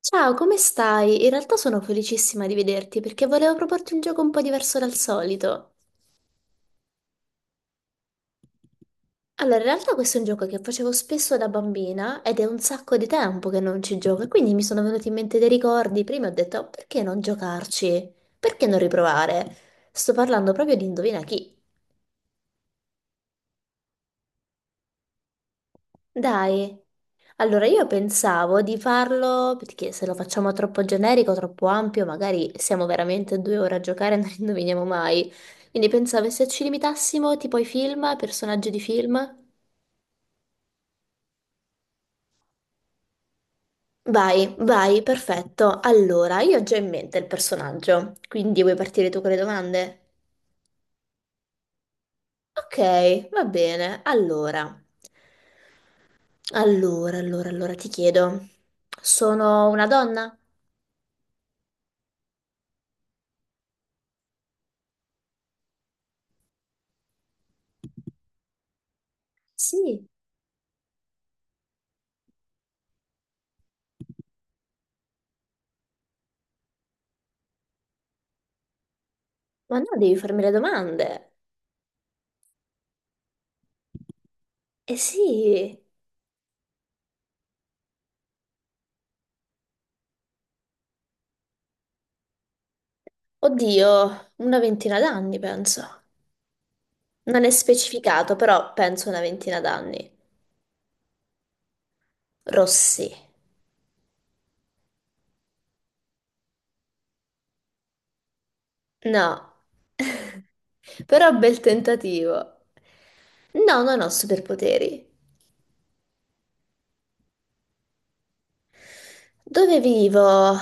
Ciao, come stai? In realtà sono felicissima di vederti perché volevo proporti un gioco un po' diverso dal solito. Allora, in realtà questo è un gioco che facevo spesso da bambina ed è un sacco di tempo che non ci gioco e quindi mi sono venuti in mente dei ricordi. Prima ho detto, "Oh, perché non giocarci? Perché non riprovare? Sto parlando proprio di Indovina chi. Dai. Allora, io pensavo di farlo, perché se lo facciamo troppo generico, troppo ampio, magari siamo veramente due ore a giocare e non indoviniamo mai. Quindi pensavo se ci limitassimo tipo ai film, ai personaggi di film. Vai, vai, perfetto. Allora, io ho già in mente il personaggio, quindi vuoi partire tu con le domande? Ok, va bene. Allora, ti chiedo, sono una donna? Sì, ma no, devi farmi le domande. Eh sì, oddio, una ventina d'anni penso. Non è specificato, però penso una ventina d'anni. Rossi. No, però bel tentativo. No, non ho superpoteri. Dove vivo?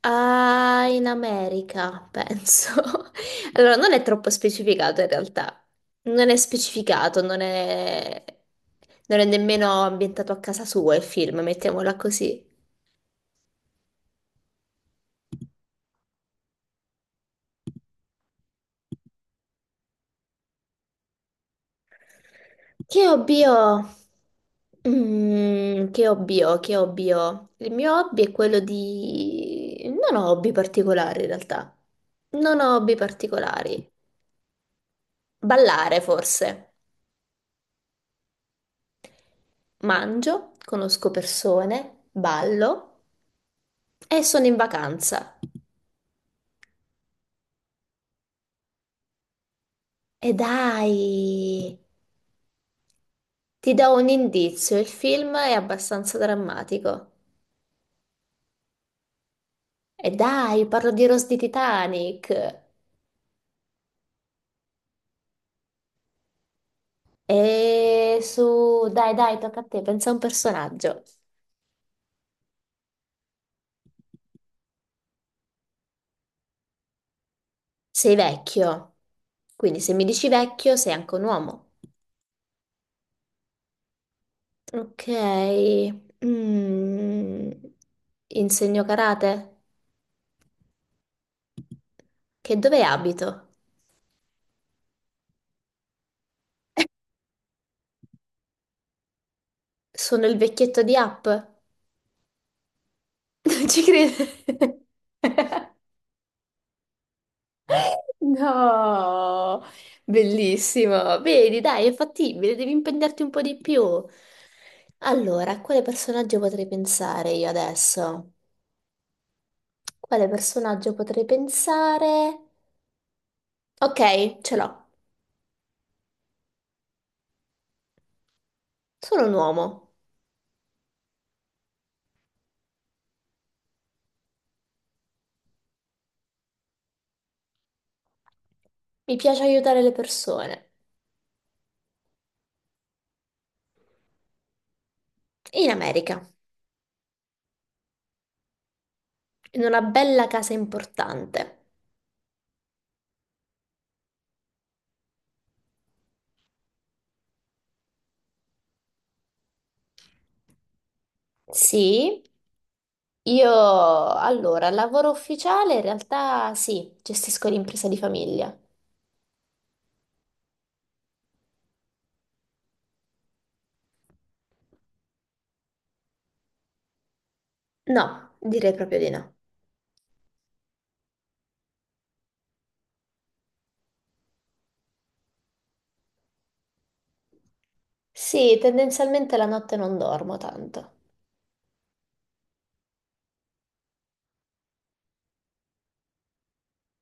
Ah, in America, penso. Allora, non è troppo specificato in realtà. Non è specificato, non è nemmeno ambientato a casa sua il film, mettiamola così. Che hobby ho? Mm, che hobby ho? Che hobby ho? Il mio hobby è quello di... Non ho hobby particolari in realtà. Non ho hobby particolari. Ballare forse. Mangio, conosco persone, ballo e sono in vacanza. E dai, ti do un indizio, il film è abbastanza drammatico. E dai, parlo di Rose di Titanic. E su, dai, dai, tocca a te, pensa a un personaggio. Sei vecchio, quindi se mi dici vecchio sei anche un uomo. Ok, Mm. Insegno karate? Che dove abito? Sono il vecchietto di App? Non ci credo. No, bellissimo. Vedi, dai, è fattibile, devi impegnarti un po' di più. Allora, a quale personaggio potrei pensare io adesso? Quale personaggio potrei pensare? Ok, ce l'ho. Sono un uomo. Mi piace aiutare le persone. In America, in una bella casa importante. Sì, io lavoro ufficiale in realtà sì, gestisco l'impresa di famiglia. No, direi proprio di no. Sì, tendenzialmente la notte non dormo tanto.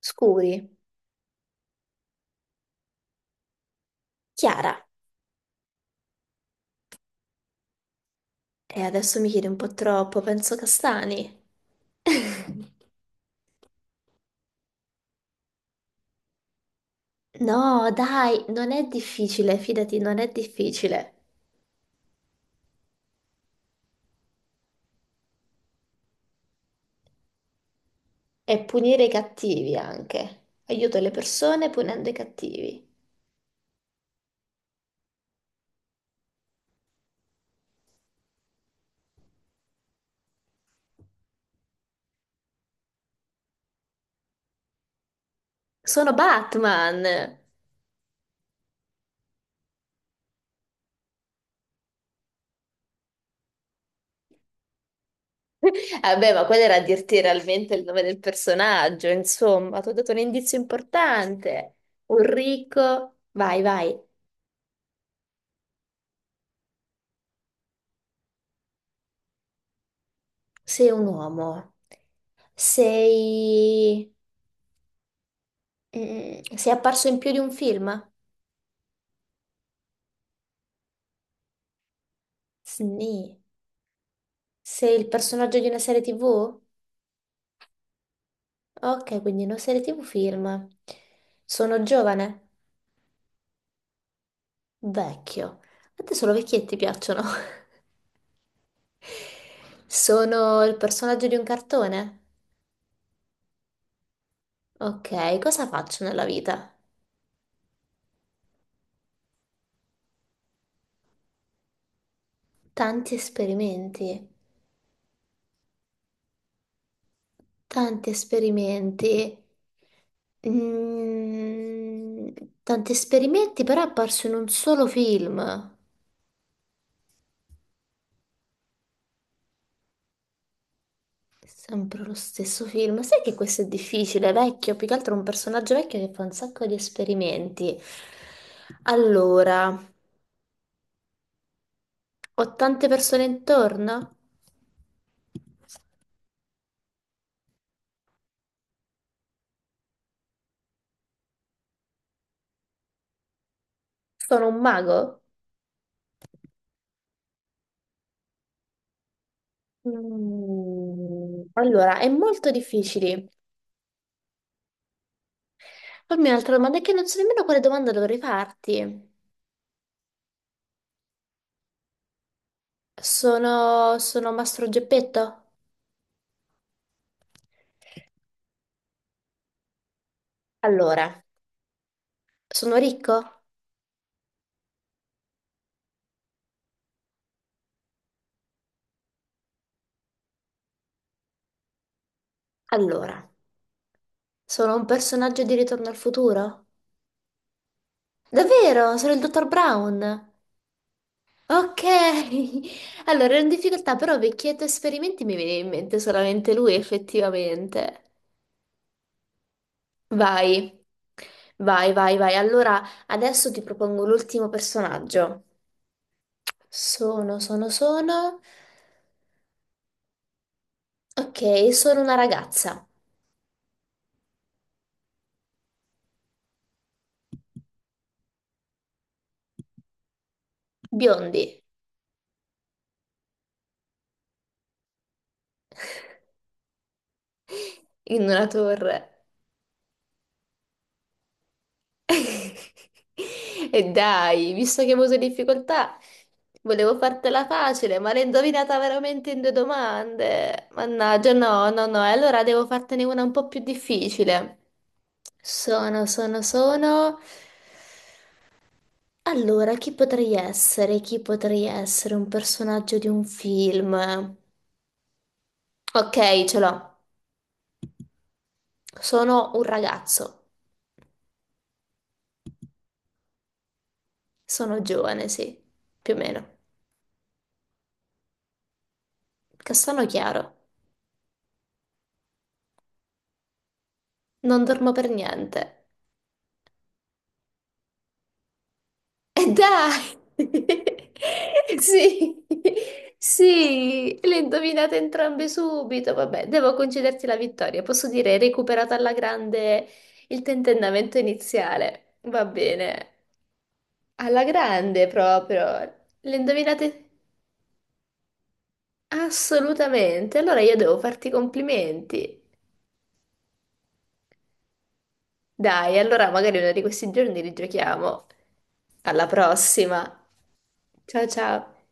Scuri. Chiara. E adesso mi chiedi un po' troppo, penso castani. No, dai, non è difficile, fidati, non è difficile. È punire i cattivi anche. Aiuto le persone punendo i cattivi. Sono Batman! Vabbè, ma quello era a dirti realmente il nome del personaggio, insomma, ti ho dato un indizio importante. Vai, vai. Sei un uomo. Sei... sei apparso in più di un film? Sì. Sei il personaggio di una serie TV? Ok, quindi non serie TV film. Sono giovane? Vecchio. A te solo vecchietti piacciono. Sono il personaggio di un cartone? Ok, cosa faccio nella vita? Tanti esperimenti. Tanti esperimenti. Mm, tanti esperimenti, però è apparso in un solo film. Sempre lo stesso film. Sai che questo è difficile, è vecchio, più che altro è un personaggio vecchio che fa un sacco di esperimenti. Allora, ho tante persone intorno? Sono un mago? Mm, Allora, è molto difficile. Fammi un'altra domanda, è che non so nemmeno quale domanda dovrei farti. Sono Mastro Geppetto? Allora, sono ricco? Allora, sono un personaggio di Ritorno al futuro? Davvero? Sono il dottor Brown. Ok. Allora, ero in difficoltà, però vecchietto esperimenti mi viene in mente solamente lui, effettivamente. Vai. Vai, vai, vai. Allora, adesso ti propongo l'ultimo personaggio. Sono, sono, sono. Ok, sono una ragazza. Biondi, in una torre. E dai, visto che hai avuto difficoltà, volevo fartela facile, ma l'hai indovinata veramente in due domande. Mannaggia, no, no, no. E allora devo fartene una un po' più difficile. Sono, sono, sono. Allora, chi potrei essere? Chi potrei essere un personaggio di un film? Ok, ce l'ho. Sono un ragazzo. Sono giovane, sì, più o meno. Castano chiaro. Non dormo per niente. Dai! Sì, sì, le indovinate entrambe subito. Vabbè, devo concederti la vittoria. Posso dire, hai recuperato alla grande il tentennamento iniziale. Va bene, alla grande proprio. Le indovinate assolutamente. Allora io devo farti i complimenti. Dai, allora magari uno di questi giorni rigiochiamo. Alla prossima. Ciao ciao.